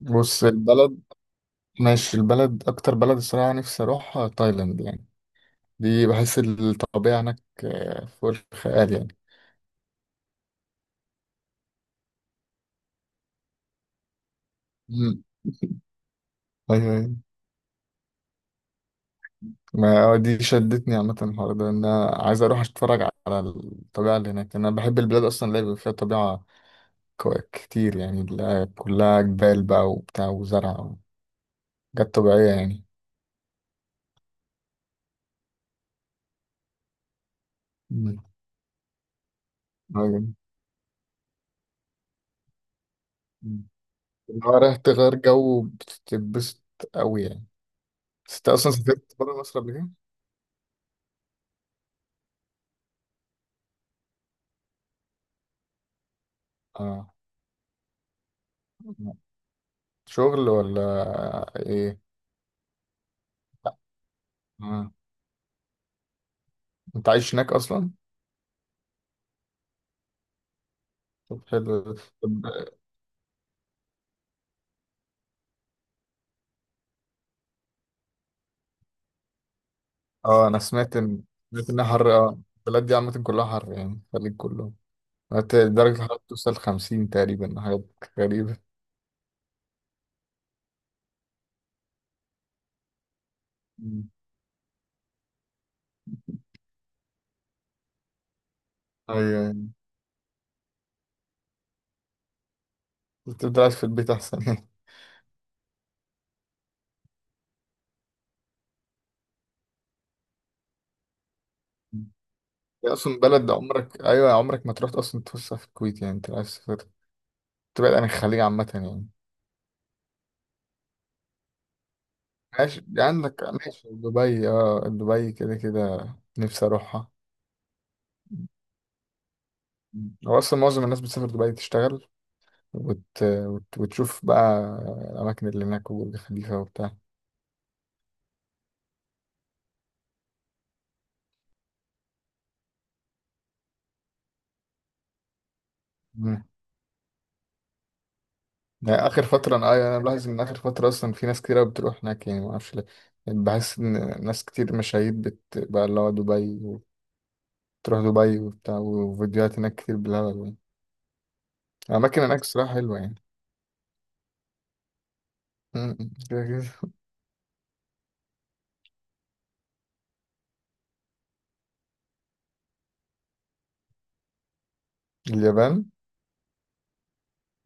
بص البلد ماشي، البلد أكتر بلد الصراحة نفسي أروحها تايلاند، يعني دي بحس الطبيعة هناك فوق الخيال يعني. مم. أيوه أيوه، ما دي شدتني عامة. الحوار ده إن أنا عايز أروح أتفرج على الطبيعة اللي هناك. أنا بحب البلاد أصلا اللي بيبقى فيها طبيعة كتير يعني، اللي كلها جبال بقى وبتاع وزرع وحاجات طبيعية يعني. مم. أيوه. مم. اللي هو رايح تغير جو، بتتبسط أوي يعني. بس أنت أصلا سافرت بره مصر قبل كده؟ آه، شغل ولا ايه؟ مم. انت عايش هناك اصلا؟ طب حلو. طب اه، انا سمعت ان سمعت انها حر، اه البلد دي عامة كلها حر يعني، الخليج كله. درجة الحرارة توصل 50 تقريبا، حاجات غريبة. مم. ايوه أيوة. بتفضل قاعد في البيت احسن يعني. مم. هي اصلا بلد عمرك، ايوه عمرك ما تروح اصلا تفسح في الكويت. يعني انت عايز تسافر تبعد عن الخليج عامة يعني. ماشي يعني، عندك ماشي دبي، اه دبي كده كده نفسي اروحها. مم. هو اصلا معظم الناس بتسافر دبي تشتغل وتشوف بقى الأماكن اللي هناك، والجو خفيفة وبتاع. مم. يعني آخر فترة أنا، أيوة، أنا ملاحظ إن آخر فترة أصلا في ناس كتير أوي بتروح هناك يعني، معرفش ليه. بحس إن ناس كتير مشاهير بقى اللي هو دبي، وتروح دبي وبتاع، وفيديوهات هناك كتير بالهبل يعني. الأماكن هناك الصراحة حلوة يعني. م- م. كده كده. اليابان،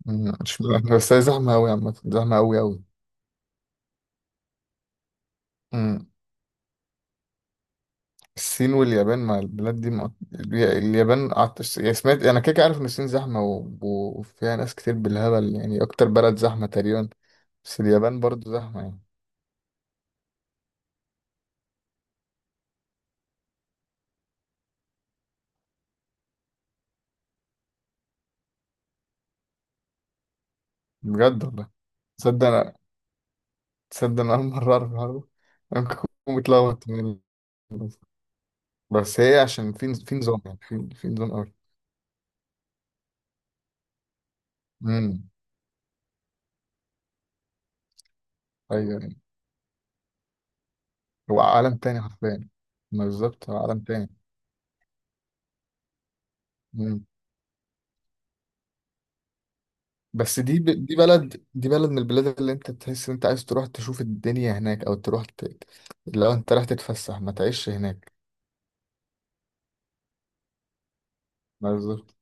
مش، بس هي زحمة أوي عامة، زحمة أوي أوي. الصين واليابان، مع البلاد دي مع... اليابان قعدت يعني سمعت، انا كده كده عارف ان الصين زحمه وفيها ناس كتير بالهبل يعني، اكتر بلد زحمه تقريبا. بس اليابان برضو زحمه يعني. بجد والله؟ تصدق انا تصدق انا اول مره اعرف الحوار ده. انا ممكن اكون متلخبط يعني. بس هي عشان في نظام يعني، في نظام قوي. امم. ايوه أيوة. هو عالم تاني حرفيا، ما بالظبط هو عالم تاني. بس دي بلد، دي بلد من البلاد اللي انت تحس ان انت عايز تروح تشوف الدنيا هناك، او تروح ت... لو انت رايح تتفسح ما تعيش هناك. بالظبط.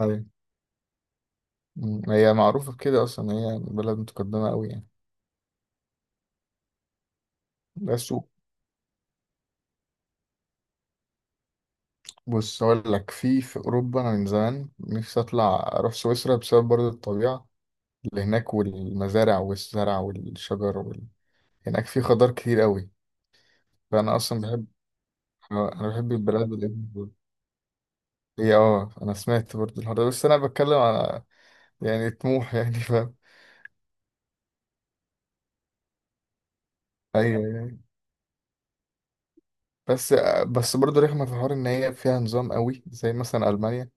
ايوه. مم. هي معروفة بكده اصلا، هي بلد متقدمة قوي يعني. بس و- بص اقول لك، في اوروبا انا من زمان نفسي اطلع اروح سويسرا، بسبب برضه الطبيعة اللي هناك، والمزارع والزرع والشجر وال... هناك في خضار كتير قوي. فانا اصلا بحب، انا بحب البلاد اللي هي دول. هي اه انا سمعت برضه الحوار ده، بس انا بتكلم يعني طموح يعني، فاهم. ايوه يعني. بس، بس برضه رخمه في حوار ان هي فيها نظام قوي، زي مثلا المانيا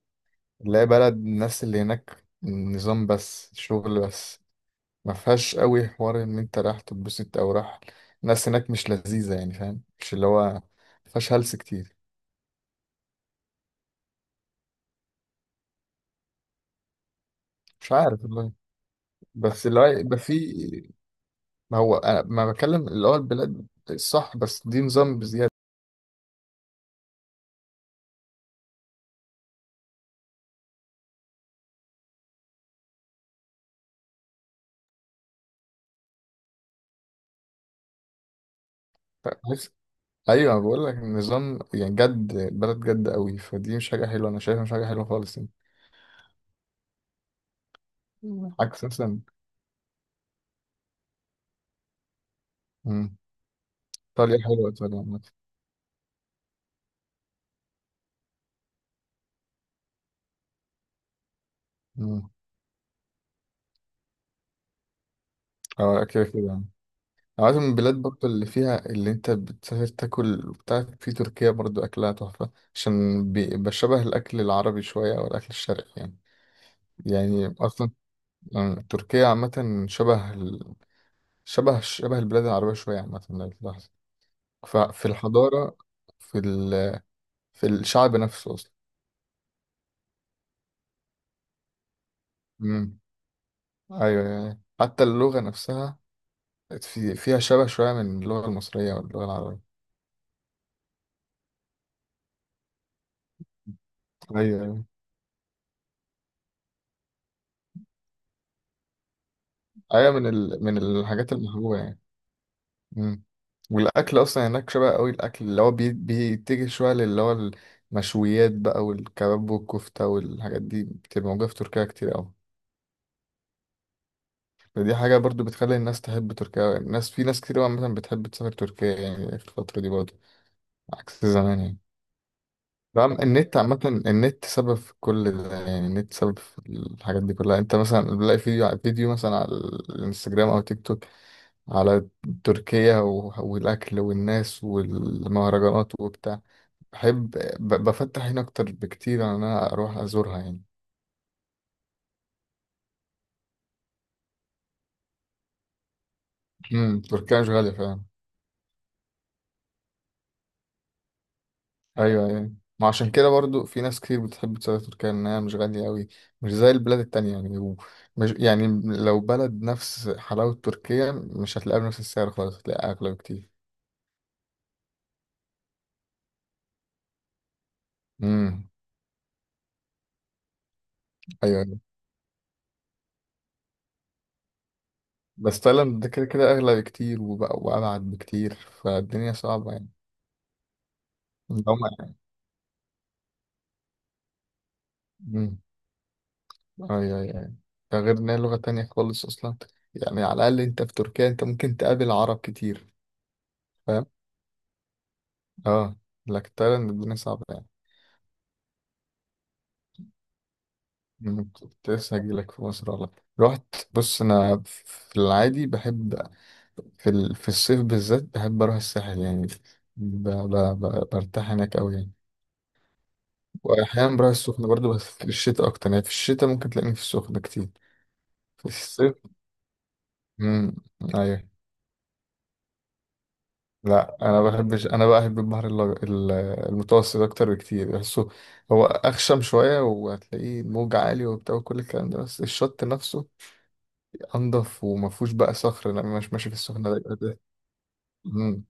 اللي هي بلد الناس اللي هناك نظام بس، شغل بس، ما فيهاش قوي حوار ان انت رايح تتبسط او راح. الناس هناك مش لذيذه يعني، فاهم؟ مش اللي هو ما فيهاش هلس كتير. مش عارف والله. بس اللي هو يبقى في، ما هو انا ما بتكلم اللي هو البلاد الصح، بس دي نظام بزياده. ايوه انا بقول لك النظام يعني جد، البلد جد قوي، فدي مش حاجه حلوه، انا شايفها مش حاجه حلوه خالص يعني. مم. عكس مثلا، مم، ايطاليا حلوه، ايطاليا عامه. مم. اه كده كده يعني. عايز من البلاد برضه اللي فيها، اللي انت بتسافر تاكل بتاع. في تركيا برضه اكلها تحفه، عشان بشبه الاكل العربي شويه، او الاكل الشرقي يعني. يعني اصلا، مم، تركيا عامه شبه ال... شبه، شبه البلاد العربيه شويه عامه لو تلاحظ، ففي الحضاره، في ال... في الشعب نفسه. امم. ايوه أيوة. أيوة. حتى اللغه نفسها في، فيها شبه شويه من اللغه المصريه واللغه العربيه. ايوه ايوه. ايوه من ال... من الحاجات المحبوبه يعني. امم. والاكل اصلا هناك شبه قوي، الاكل اللي هو بيتجه شويه للي هو المشويات بقى، والكباب والكفته والحاجات دي بتبقى موجوده في تركيا كتير قوي. فدي حاجه برضو بتخلي الناس تحب تركيا، الناس في ناس كتير قوي مثلا بتحب تسافر تركيا يعني في الفتره دي برضو، عكس زمان يعني. نعم، النت عامة، النت سبب في كل ده يعني، النت سبب في الحاجات دي كلها، انت مثلا بتلاقي فيديو على فيديو مثلا على الانستجرام او تيك توك، على تركيا والاكل والناس والمهرجانات وبتاع. بحب، بفتح هنا اكتر بكتير عن ان انا اروح ازورها يعني. امم، تركيا مش غالية فعلا. ايوه ايوه. ما عشان كده برضو في ناس كتير بتحب تسافر تركيا، انها مش غاليه قوي، مش زي البلاد التانية يعني مش يعني، لو بلد نفس حلاوه تركيا مش هتلاقيها بنفس السعر خالص، هتلاقيها اغلى بكتير. امم. ايوه ايوه. بس تايلاند ده كده كده اغلى بكتير، وبقى وابعد بكتير، فالدنيا صعبه يعني. هم. امم. ايوه ايوه أيوة. ده غير ان هي لغه تانية خالص اصلا يعني، على الاقل انت في تركيا انت ممكن تقابل عرب كتير، فاهم؟ اه. لكن تايلاند الدنيا صعبه يعني. أمم، كنت لسه هجيلك في مصر والله. رحت، بص انا في العادي بحب، في ال... في الصيف بالذات بحب اروح الساحل يعني، ب... ب... برتاح هناك قوي يعني. واحيانا بروح السخنه برضو، بس في الشتاء اكتر يعني، في الشتاء ممكن تلاقيني في السخنه كتير. في الصيف، امم، ايوه. لا انا بحبش، انا بقى بحب البحر المتوسط اكتر بكتير، بحسه هو اخشم شويه، وهتلاقيه موج عالي وبتاع وكل الكلام ده، بس الشط نفسه انضف، وما فيهوش بقى صخر لما مش ماشي في السخنه ده. مم.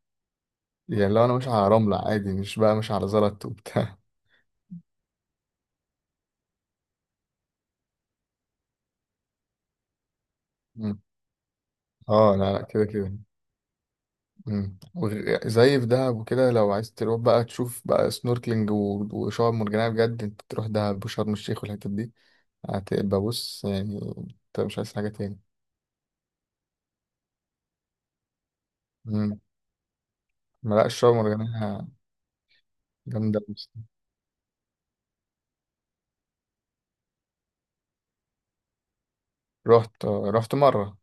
يعني لو انا ماشي على رملة عادي، مش بقى ماشي على زلط وبتاع. مم. اه لا لا كده كده. مم. زي في دهب وكده، لو عايز تروح بقى تشوف بقى سنوركلينج وشعاب مرجانية بجد، انت تروح دهب وشرم الشيخ والحتت دي، هتبقى بص يعني، انت مش عايز حاجة تاني. مم. ما لا، الشعاب المرجانية جامدة بس. رحت مرة.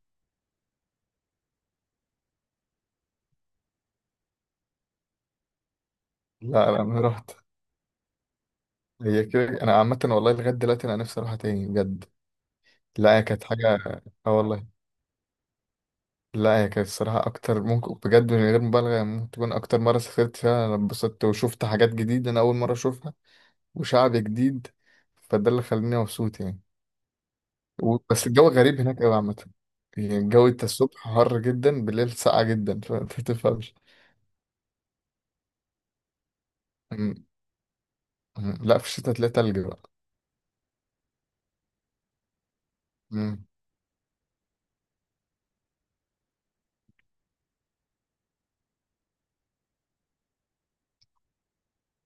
لا لا ما رحت، هي كده. انا عامة والله لغاية دلوقتي انا نفسي اروحها تاني بجد. لا هي كانت حاجة، اه والله. لا هي كانت الصراحة أكتر ممكن بجد من غير مبالغة يعني، ممكن تكون أكتر مرة سافرت فيها أنا اتبسطت وشفت حاجات جديدة، أنا أول مرة أشوفها وشعب جديد، فده اللي خلاني مبسوط يعني. بس الجو غريب هناك أوي عامة يعني. الجو أنت الصبح حر جدا، بالليل ساقع جدا، فأنت متفهمش. أمم، أمم. لا في الشتاء تلاقي تلج بقى. مم.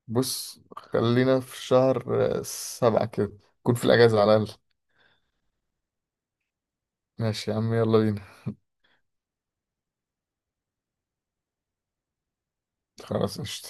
بص خلينا في شهر 7 كده، نكون في الأجازة على الأقل. ماشي يا عم يلا بينا. خلاص قشطة.